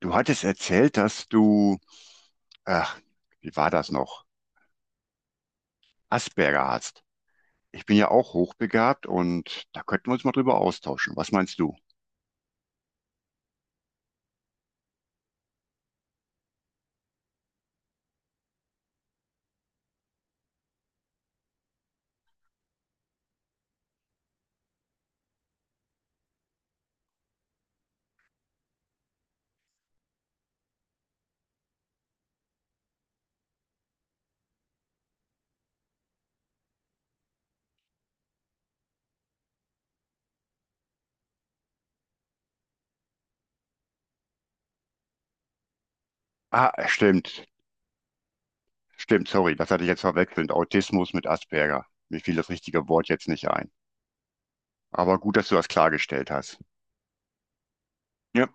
Du hattest erzählt, dass du, ach, wie war das noch? Asperger hast. Ich bin ja auch hochbegabt und da könnten wir uns mal drüber austauschen. Was meinst du? Ah, stimmt. Stimmt, sorry, das hatte ich jetzt verwechselt. Autismus mit Asperger. Mir fiel das richtige Wort jetzt nicht ein. Aber gut, dass du das klargestellt hast. Ja.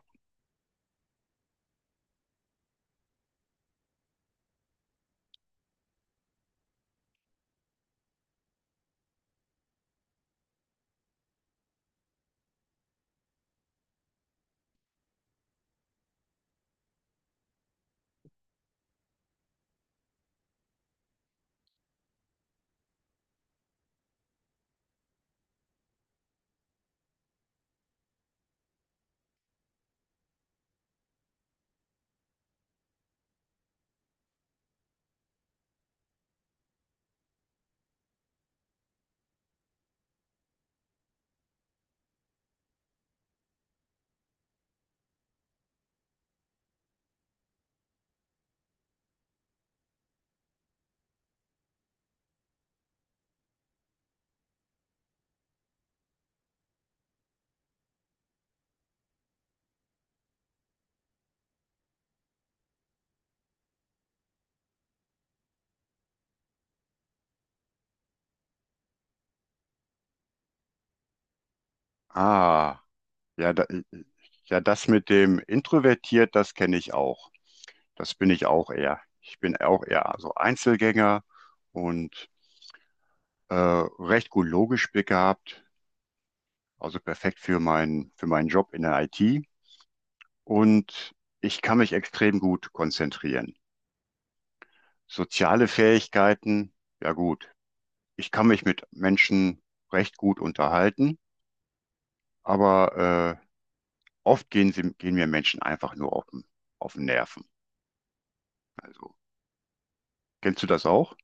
Ah, ja, da, ja, das mit dem introvertiert, das kenne ich auch. Das bin ich auch eher. Ich bin auch eher so Einzelgänger und recht gut logisch begabt, also perfekt für für meinen Job in der IT. Und ich kann mich extrem gut konzentrieren. Soziale Fähigkeiten, ja gut. Ich kann mich mit Menschen recht gut unterhalten, aber oft gehen mir Menschen einfach nur auf auf den Nerven. Also, kennst du das auch?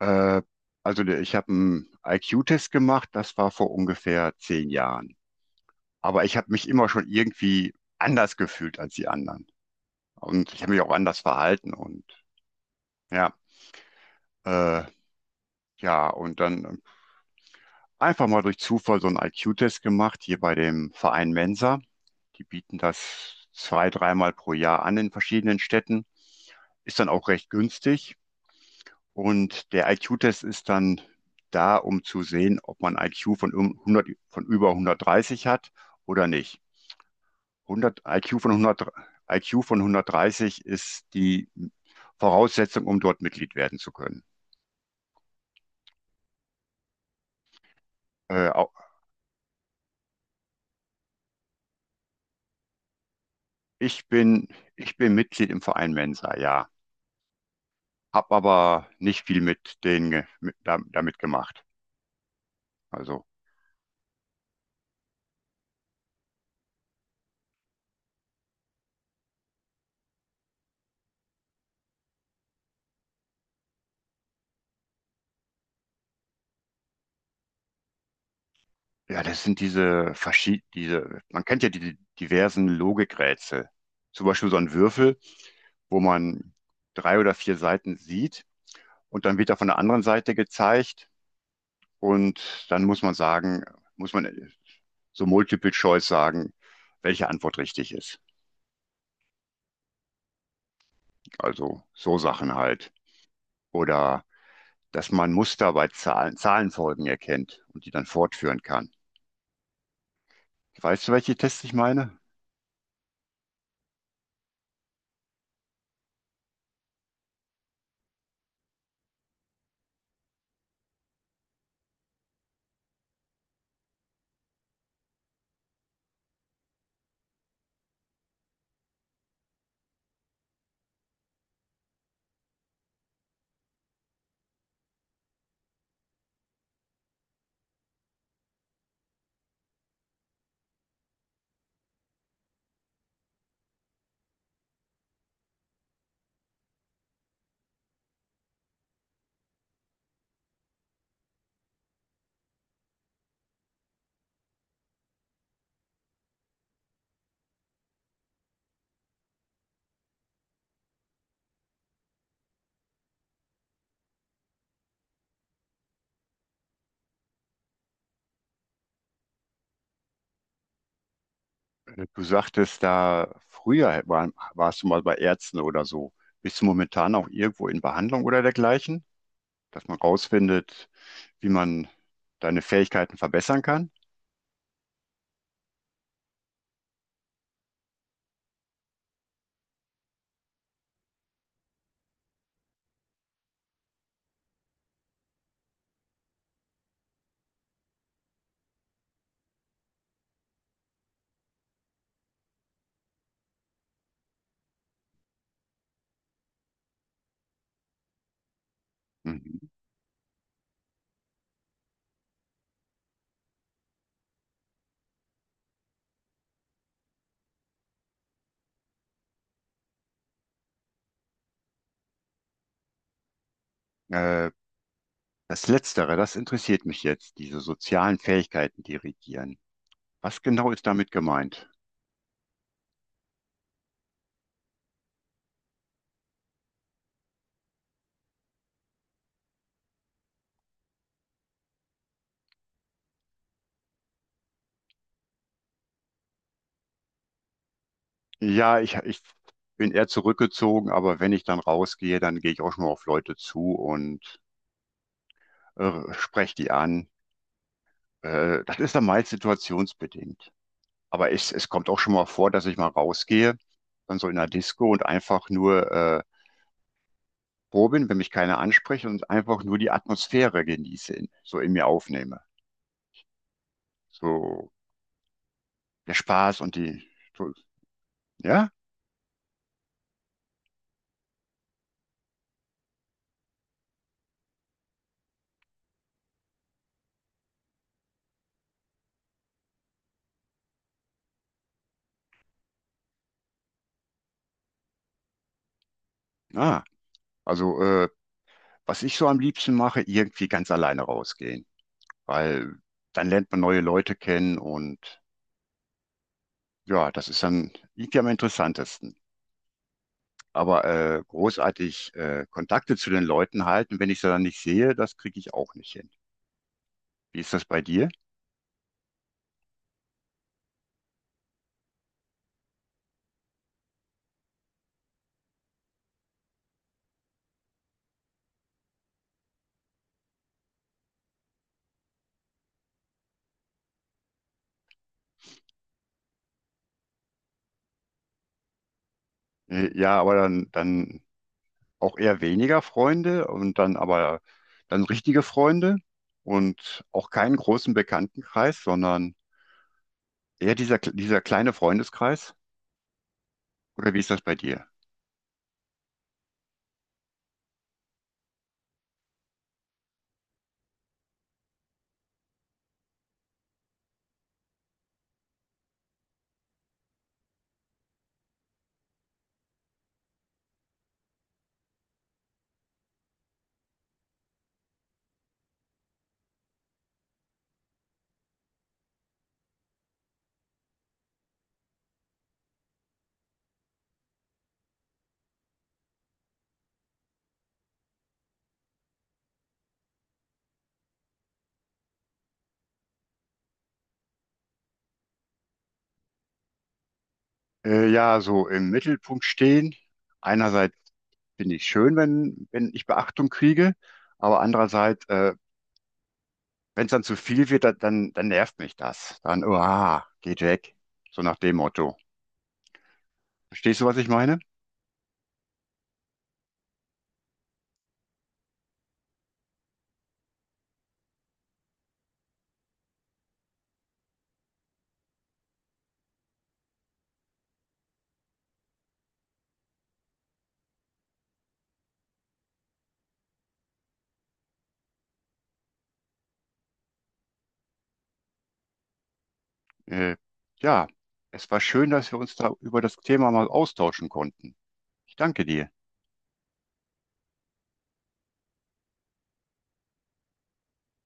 Äh, also ich habe einen IQ-Test gemacht, das war vor ungefähr 10 Jahren. Aber ich habe mich immer schon irgendwie anders gefühlt als die anderen. Und ich habe mich auch anders verhalten. Und ja. Äh, ja, und dann einfach mal durch Zufall so einen IQ-Test gemacht, hier bei dem Verein Mensa. Die bieten das zwei, dreimal pro Jahr an in verschiedenen Städten. Ist dann auch recht günstig. Und der IQ-Test ist dann da, um zu sehen, ob man IQ von, 100, von über 130 hat oder nicht. 100, IQ von 100, IQ von 130 ist die Voraussetzung, um dort Mitglied werden zu können. Äh, au- Ich bin, ich bin Mitglied im Verein Mensa, ja. Hab aber nicht viel mit denen damit gemacht. Also, ja, das sind man kennt ja die diversen Logikrätsel. Zum Beispiel so ein Würfel, wo man drei oder vier Seiten sieht und dann wird er von der anderen Seite gezeigt und dann muss man sagen, muss man so Multiple Choice sagen, welche Antwort richtig ist. Also so Sachen halt. Oder dass man Muster bei Zahlen, Zahlenfolgen erkennt und die dann fortführen kann. Weißt du, welche Tests ich meine? Du sagtest da, warst du mal bei Ärzten oder so. Bist du momentan auch irgendwo in Behandlung oder dergleichen, dass man rausfindet, wie man deine Fähigkeiten verbessern kann? Mhm. Äh, Das Letztere, das interessiert mich jetzt, diese sozialen Fähigkeiten dirigieren. Was genau ist damit gemeint? Ja, ich bin eher zurückgezogen, aber wenn ich dann rausgehe, dann gehe ich auch schon mal auf Leute zu und spreche die an. Das ist dann meist situationsbedingt. Aber es kommt auch schon mal vor, dass ich mal rausgehe, dann so in einer Disco und einfach nur froh bin, wenn mich keiner anspricht und einfach nur die Atmosphäre genieße, so in mir aufnehme. So der Spaß und die, so, ja, ah, also was ich so am liebsten mache, irgendwie ganz alleine rausgehen, weil dann lernt man neue Leute kennen und ja, das ist dann, liegt ja am interessantesten. Aber großartig Kontakte zu den Leuten halten, wenn ich sie dann nicht sehe, das kriege ich auch nicht hin. Wie ist das bei dir? Ja, aber dann auch eher weniger Freunde und dann aber dann richtige Freunde und auch keinen großen Bekanntenkreis, sondern eher dieser kleine Freundeskreis. Oder wie ist das bei dir? Ja, so im Mittelpunkt stehen. Einerseits finde ich schön, wenn ich Beachtung kriege. Aber andererseits, wenn es dann zu viel wird, dann nervt mich das. Dann, uah, geht weg. So nach dem Motto. Verstehst du, was ich meine? Äh, ja, es war schön, dass wir uns da über das Thema mal austauschen konnten. Ich danke dir.